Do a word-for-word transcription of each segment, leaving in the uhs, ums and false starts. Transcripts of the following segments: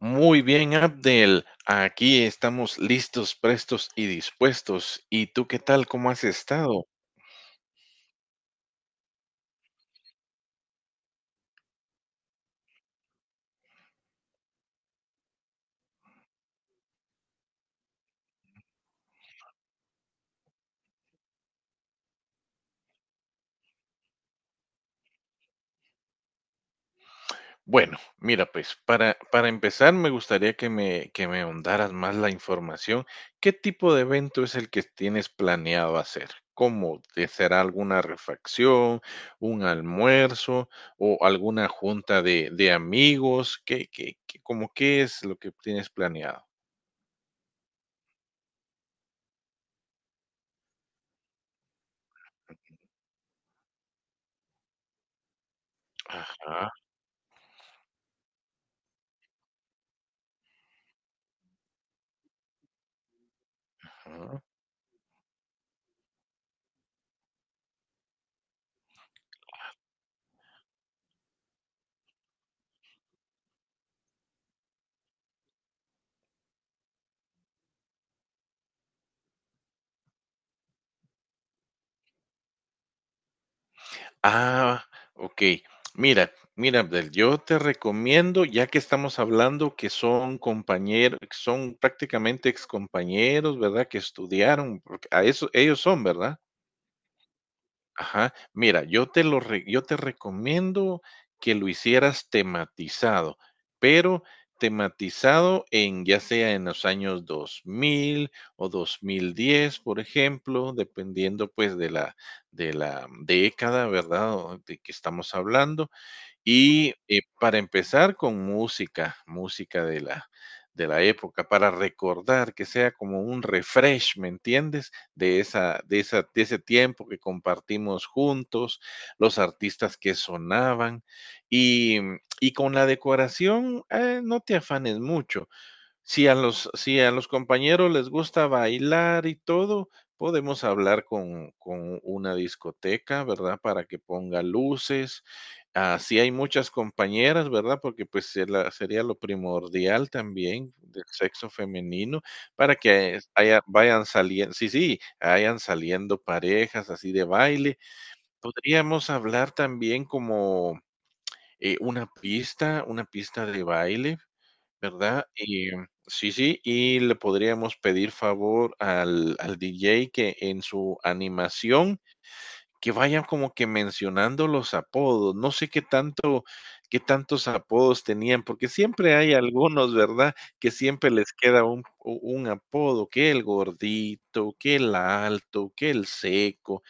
Muy bien, Abdel. Aquí estamos listos, prestos y dispuestos. ¿Y tú qué tal? ¿Cómo has estado? Bueno, mira, pues para, para empezar me gustaría que me, que me ahondaras más la información. ¿Qué tipo de evento es el que tienes planeado hacer? ¿Cómo? ¿Te será alguna refacción, un almuerzo o alguna junta de, de amigos? ¿Qué, qué, qué, cómo qué es lo que tienes planeado? Ajá. Ah, okey. Mira mira, Abdel, yo te recomiendo, ya que estamos hablando que son compañeros, son prácticamente excompañeros, ¿verdad? Que estudiaron, porque a eso ellos son, ¿verdad? Ajá. Mira, yo te lo re yo te recomiendo que lo hicieras tematizado, pero tematizado en, ya sea en los años dos mil o dos mil diez, por ejemplo, dependiendo, pues, de la de la década, ¿verdad?, o de que estamos hablando. Y eh, para empezar con música, música de la, de la época, para recordar que sea como un refresh, ¿me entiendes? De esa, de esa, de ese tiempo que compartimos juntos, los artistas que sonaban y, y con la decoración, eh, no te afanes mucho. Si a los si a los compañeros les gusta bailar y todo, podemos hablar con con una discoteca, ¿verdad? Para que ponga luces. Ah, si hay muchas compañeras, ¿verdad? Porque, pues, se la sería lo primordial también del sexo femenino para que haya vayan salien sí, sí, vayan saliendo parejas así de baile. Podríamos hablar también como, eh, una pista una pista de baile. ¿Verdad? Y mm, sí, sí, y le podríamos pedir favor al al D J que en su animación, que vaya como que mencionando los apodos. No sé qué tanto qué tantos apodos tenían, porque siempre hay algunos, ¿verdad? Que siempre les queda un u un apodo, que el gordito, que el alto, que el seco.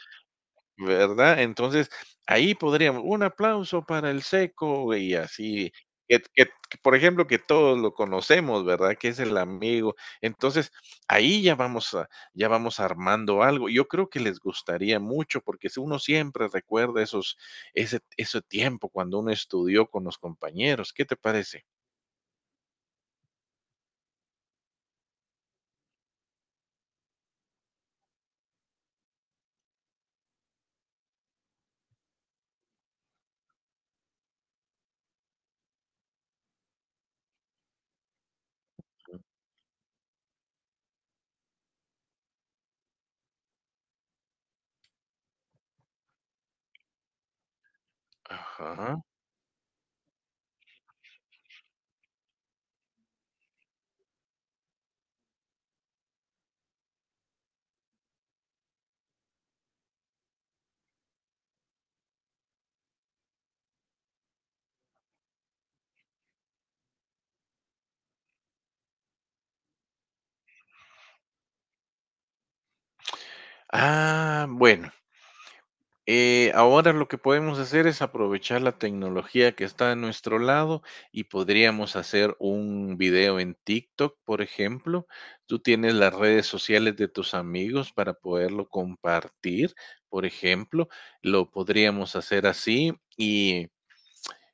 ¿Verdad? Entonces, ahí podríamos un aplauso para el Seco y así, que que que, por ejemplo, que todos lo conocemos, ¿verdad? Que es el amigo. Entonces, ahí ya vamos a ya vamos armando algo. Yo creo que les gustaría mucho, porque si uno siempre recuerda esos ese ese tiempo cuando uno estudió con los compañeros, ¿qué te parece? Ajá. Ah, bueno. Eh, ahora lo que podemos hacer es aprovechar la tecnología que está a nuestro lado y podríamos hacer un video en TikTok, por ejemplo. Tú tienes las redes sociales de tus amigos para poderlo compartir, por ejemplo. Lo podríamos hacer así y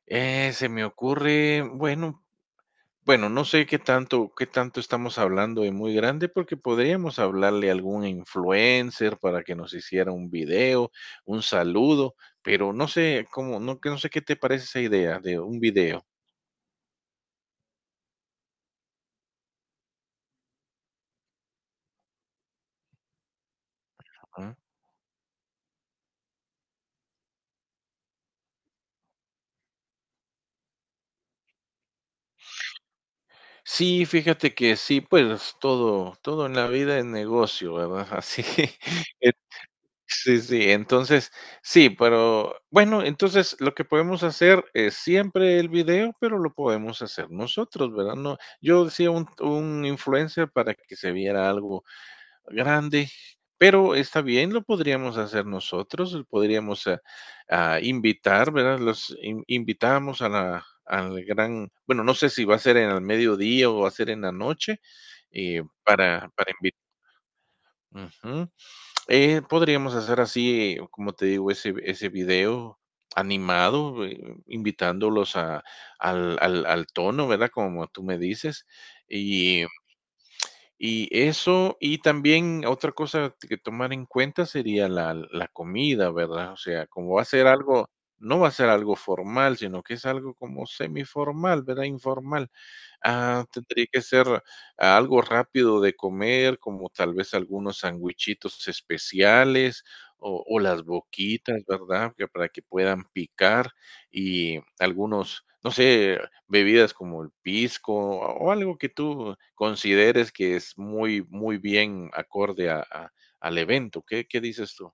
eh, se me ocurre, bueno, bueno, no sé qué tanto qué tanto estamos hablando de muy grande, porque podríamos hablarle a algún influencer para que nos hiciera un video, un saludo, pero no sé cómo, no que no sé qué te parece esa idea de un video. Ujú. Sí, fíjate que sí, pues todo todo en la vida es negocio, ¿verdad? Así sí, sí, entonces, sí, pero bueno, entonces lo que podemos hacer es siempre el video, pero lo podemos hacer nosotros, ¿verdad? No, yo decía un, un influencer para que se viera algo grande, pero está bien, lo podríamos hacer nosotros, lo podríamos eh, ah, invitar, ¿verdad? Los in- invitamos a la, al gran, bueno, no sé si va a ser en el mediodía o va a ser en la noche, eh, para, para invitar. Eh, podríamos hacer así, como te digo, ese ese video animado, eh, invitándolos a al al al tono, ¿verdad? Como tú me dices, y y eso, y también otra cosa que tomar en cuenta sería la la comida, ¿verdad? O sea, como va a ser algo no va a ser algo formal, sino que es algo como semiformal, ¿verdad? Informal. Ah, tendría que ser algo rápido de comer, como tal vez algunos sandwichitos especiales o o las boquitas, ¿verdad? Que para que puedan picar y algunos, no sé, bebidas como el pisco o algo que tú consideres que es muy, muy bien acorde a a al evento, ¿qué qué dices tú?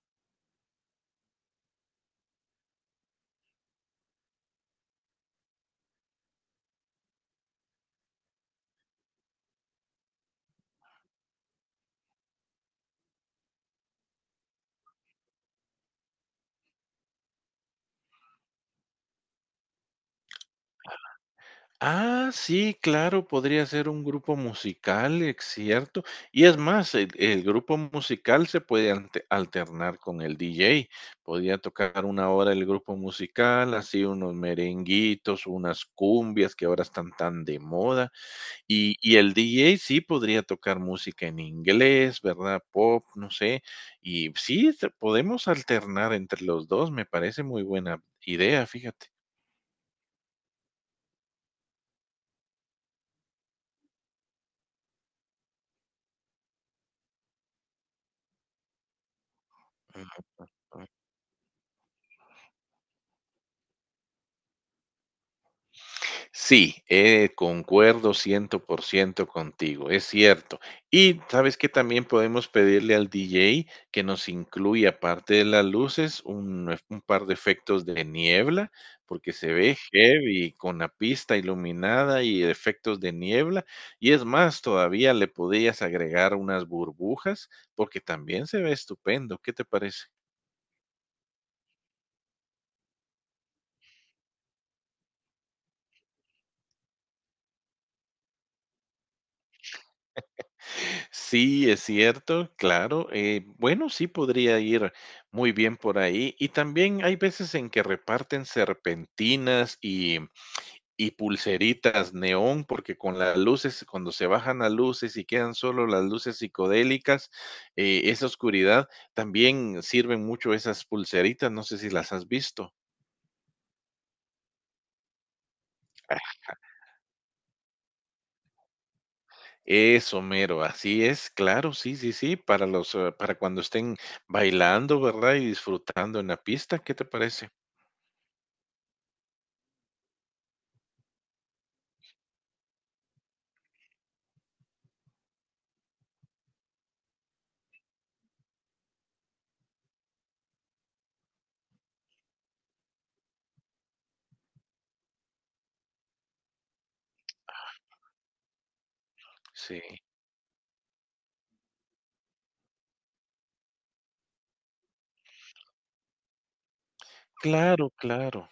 Ah, sí, claro, podría ser un grupo musical, es cierto. Y es más, el el grupo musical se puede ante alternar con el D J. Podría tocar una hora el grupo musical, así unos merenguitos, unas cumbias que ahora están tan de moda. Y y el D J sí podría tocar música en inglés, ¿verdad? Pop, no sé. Y sí, se podemos alternar entre los dos. Me parece muy buena idea, fíjate. Sí, eh, concuerdo cien por ciento contigo, es cierto. Y sabes que también podemos pedirle al D J que nos incluya, aparte de las luces, un, eh, un par de efectos de niebla, porque se ve heavy con la pista iluminada y efectos de niebla. Y es más, todavía le podías agregar unas burbujas, porque también se ve estupendo. ¿Qué te parece? Sí, es cierto, claro. eh, bueno, sí podría ir muy bien por ahí. Y también hay veces en que reparten serpentinas y, y pulseritas neón, porque con las luces, cuando se bajan las luces y quedan solo las luces psicodélicas, eh, esa oscuridad, también sirven mucho esas pulseritas. No sé si las has visto. Eso, mero, así es, claro, sí, sí, sí, para los, eh, para cuando estén bailando, ¿verdad? Y disfrutando en la pista, ¿qué te parece? Sí, claro, claro.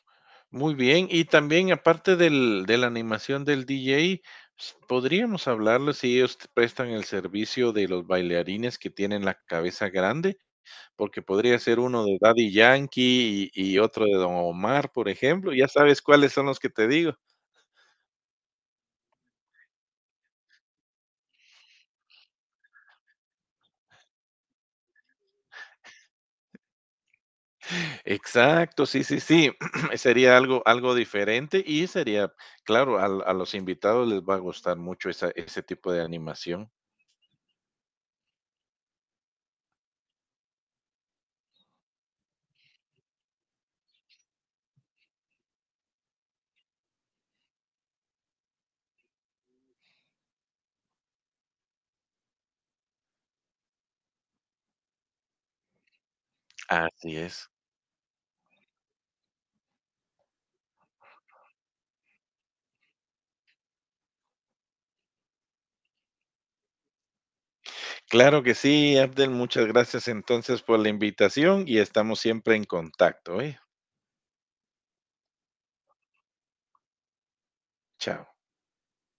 Muy bien. Y también, aparte del de la animación del D J, s- podríamos hablarles si ellos te prestan el servicio de los bailarines que tienen la cabeza grande, porque podría ser uno de Daddy Yankee y, y otro de Don Omar, por ejemplo. Ya sabes cuáles son los que te digo. Exacto, sí, sí, sí. Sería algo, algo diferente y sería, claro, al- a, los invitados les va a gustar mucho esa, ese tipo de animación. Así es. Claro que sí, Abdel, muchas gracias entonces por la invitación y estamos siempre en contacto, ¿eh? Chao.